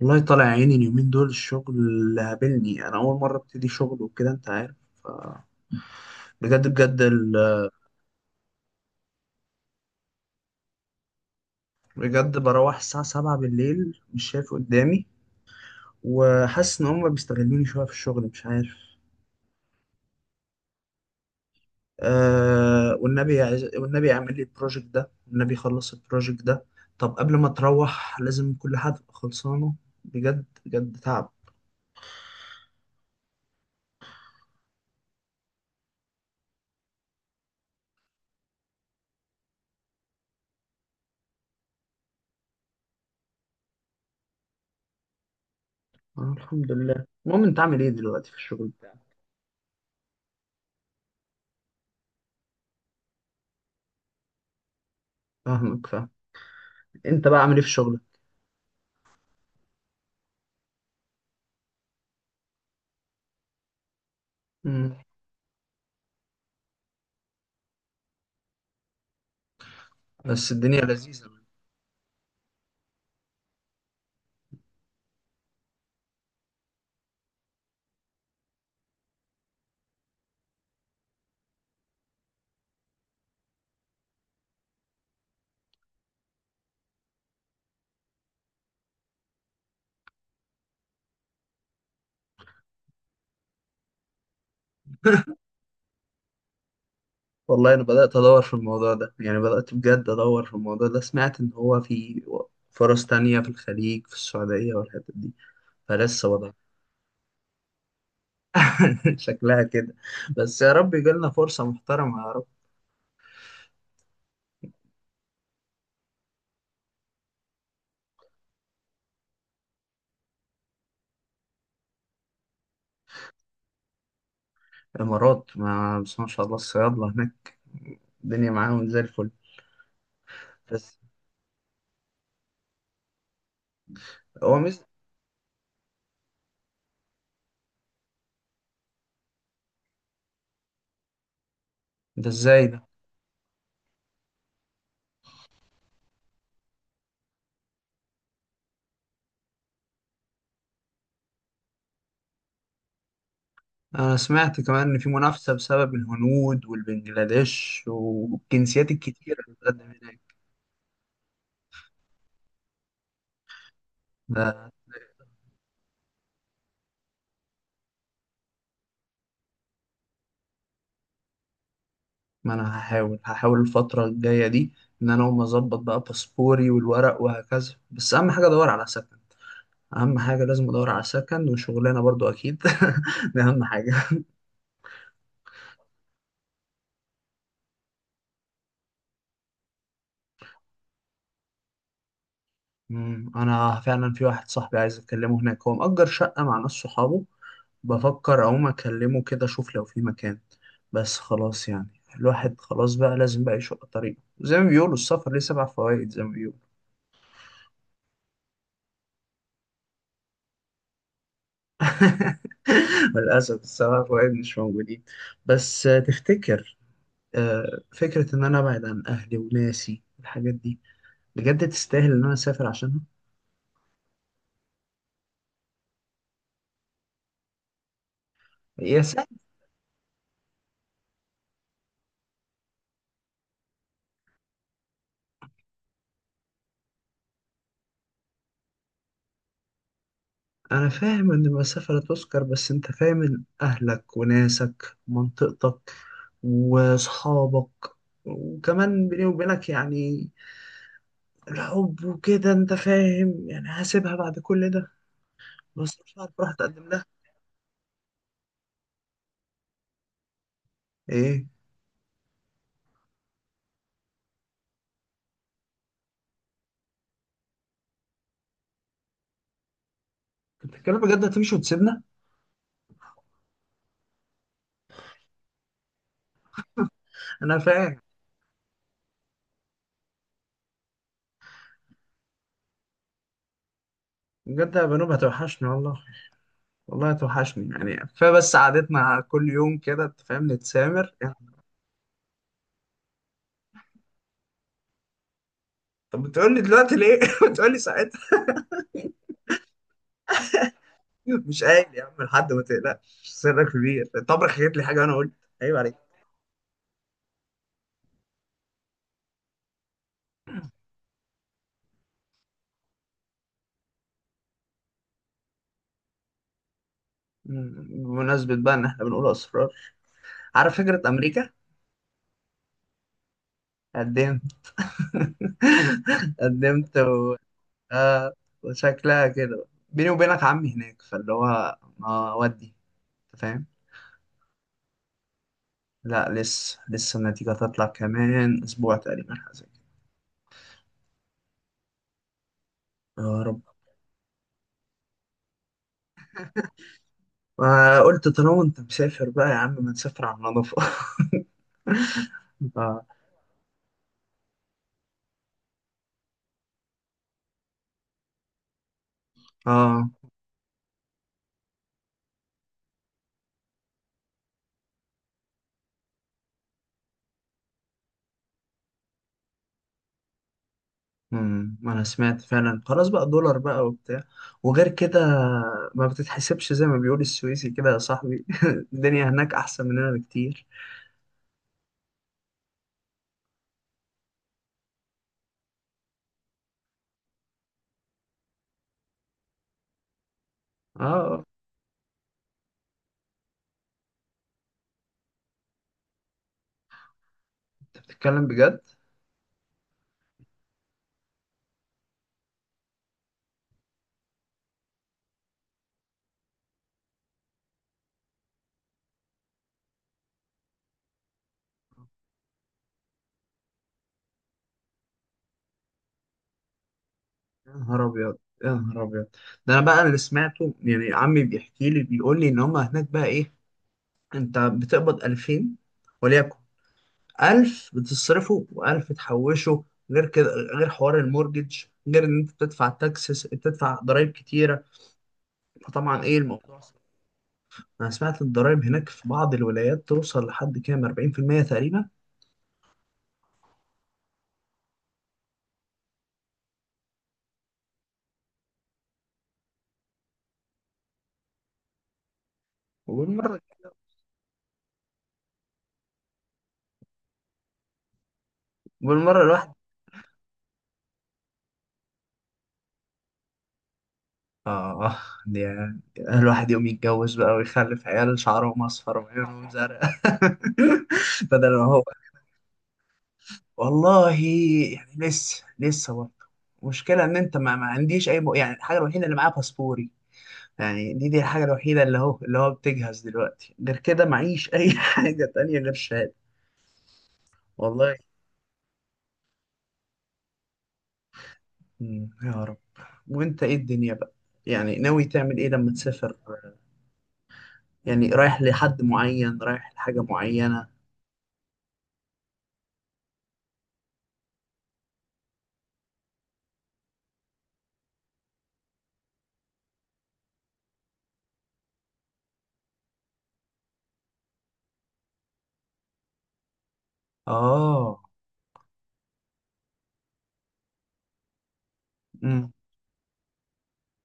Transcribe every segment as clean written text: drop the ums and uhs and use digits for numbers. والله طالع عيني اليومين دول الشغل اللي قابلني. انا اول مره ابتدي شغل وكده انت عارف. ف- بجد بجد بجد بروح الساعه 7 بالليل، مش شايف قدامي. وحاسس ان هم بيستغلوني شويه في الشغل، مش عارف. آه، والنبي يعمل لي البروجكت ده، والنبي يخلص البروجكت ده. طب قبل ما تروح لازم كل حاجه تبقى خلصانه. بجد بجد تعب. آه، الحمد لله. المهم انت عامل ايه دلوقتي في الشغل بتاعك؟ فاهمك، فاهم. انت بقى عامل ايه في شغلك؟ مم. بس الدنيا لذيذة. والله أنا بدأت أدور في الموضوع ده. يعني بدأت بجد أدور في الموضوع ده. سمعت إن هو في فرص تانية في الخليج، في السعودية والحتت دي. فلسه وضع. شكلها كده. بس يا رب يجيلنا فرصة محترمة، يا رب. الإمارات ما بس ما شاء الله الصيادلة هناك الدنيا معاهم زي الفل. بس هو مش، ده ازاي ده؟ أنا سمعت كمان إن في منافسة بسبب الهنود والبنجلاديش والجنسيات الكتيرة اللي بتقدم هناك. ده ما انا هحاول الفترة الجاية دي ان انا اقوم اظبط بقى باسبوري والورق وهكذا. بس اهم حاجة ادور على سكن. اهم حاجة لازم ادور على سكن وشغلانة برضو اكيد. دي اهم حاجة. انا فعلا في واحد صاحبي عايز اكلمه هناك، هو مأجر شقة مع ناس صحابه. بفكر اقوم اكلمه كده اشوف لو في مكان. بس خلاص يعني الواحد خلاص بقى لازم بقى يشق طريقه، زي ما بيقولوا السفر ليه سبع فوائد زي ما بيقولوا. للأسف السبع فوائد مش موجودين. بس تفتكر فكرة إن أنا أبعد عن أهلي وناسي الحاجات دي بجد تستاهل إن أنا أسافر عشانها؟ يا سلام. أنا فاهم إن المسافة لا تذكر، بس أنت فاهم إن أهلك وناسك ومنطقتك وأصحابك، وكمان بيني وبينك يعني الحب وكده، أنت فاهم، يعني هسيبها بعد كل ده؟ بس مش عارف أروح أتقدم لها. إيه؟ أنت بتتكلم بجد، هتمشي وتسيبنا؟ أنا فاهم. بجد يا بنوب هتوحشني والله. والله توحشني يعني. فبس قعدتنا كل يوم كده انت فاهم نتسامر يعني. طب بتقول لي دلوقتي ليه؟ بتقول لي ساعتها. مش قايل يا عم لحد، ما تقلقش، سرك كبير. طب حكيت لي حاجه وانا قلت. عيب عليك. بمناسبة بقى إن إحنا بنقول أسرار، عارف فكرة أمريكا؟ قدمت. قدمت آه. وشكلها كده بيني وبينك عمي هناك، فاللي هو ما ودي. أنت فاهم؟ لا لسه لسه، النتيجة تطلع كمان أسبوع تقريبا، حاجة زي كده. يا رب. ما قلت طالما انت مسافر بقى يا عم ما نسافر على النظافة. اه. اه. ما انا سمعت فعلا. خلاص بقى دولار بقى وبتاع، وغير كده ما بتتحسبش زي ما بيقول السويسي كده يا صاحبي. الدنيا هناك احسن مننا بكتير. اه، آه. انت بتتكلم بجد؟ يا نهار ابيض. يا نهار ابيض. ده انا بقى انا اللي سمعته، يعني عمي بيحكي لي بيقول لي ان هما هناك بقى ايه، انت بتقبض 2000 وليكن، 1000 بتصرفه و1000 تحوشه. غير كده غير حوار المورجج، غير إن أنت بتدفع تاكسس بتدفع ضرايب كتيرة. فطبعا إيه، الموضوع صعب. أنا سمعت الضرايب هناك في بعض الولايات توصل لحد كام 40% تقريبا. وبالمرة، الواحد آه دي الواحد يوم يتجوز بقى ويخلف عيال شعرهم أصفر وعيونهم زرقاء، بدل ما هو. والله يعني لسه لسه برضه. المشكلة إن أنت ما عنديش أي يعني الحاجة الوحيدة اللي معايا باسبوري. يعني دي الحاجة الوحيدة اللي هو اللي هو بتجهز دلوقتي، غير كده معيش أي حاجة تانية غير شهادة. والله. يا رب. وأنت إيه الدنيا بقى؟ يعني ناوي تعمل إيه لما تسافر؟ يعني رايح لحد معين، رايح لحاجة معينة؟ آه. مم.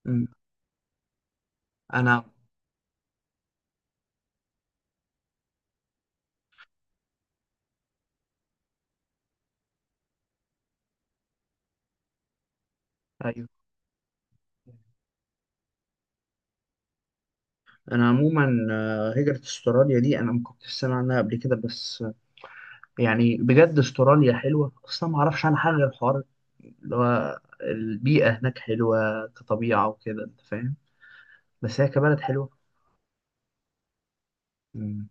مم. أنا أيوه. أنا عموما هجرة أستراليا دي أنا ما كنتش سامع عنها قبل كده. بس يعني بجد استراليا حلوه، اصلا ما اعرفش عنها حاجه غير الحوار اللي هو البيئه هناك حلوه كطبيعه وكده انت فاهم. بس هي كبلد حلوه. مم.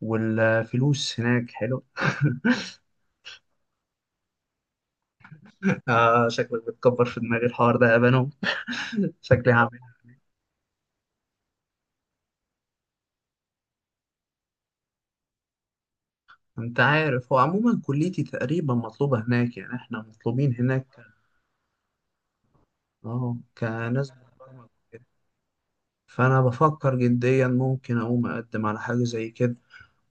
والفلوس هناك حلوه. آه شكلك بتكبر في دماغي الحوار ده يا بنو. شكلي هعمل. انت عارف هو عموما كليتي تقريبا مطلوبة هناك، يعني احنا مطلوبين هناك. اه كناس بتبرمج وكده. فانا بفكر جديا ممكن اقوم اقدم على حاجة زي كده.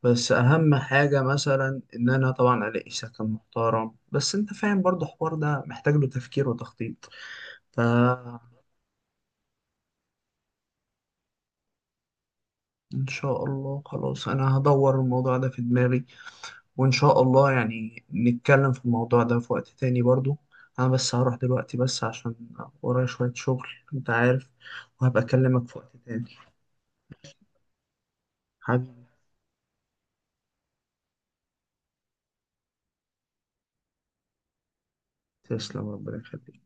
بس اهم حاجه مثلا ان انا طبعا الاقي سكن محترم. بس انت فاهم برضه الحوار ده محتاج له تفكير وتخطيط. فان شاء الله خلاص انا هدور الموضوع ده في دماغي. وان شاء الله يعني نتكلم في الموضوع ده في وقت تاني برضه. انا بس هروح دلوقتي بس عشان ورايا شويه شغل، انت عارف، وهبقى اكلمك في وقت تاني. حبيبي، تسلم، ربنا يخليك.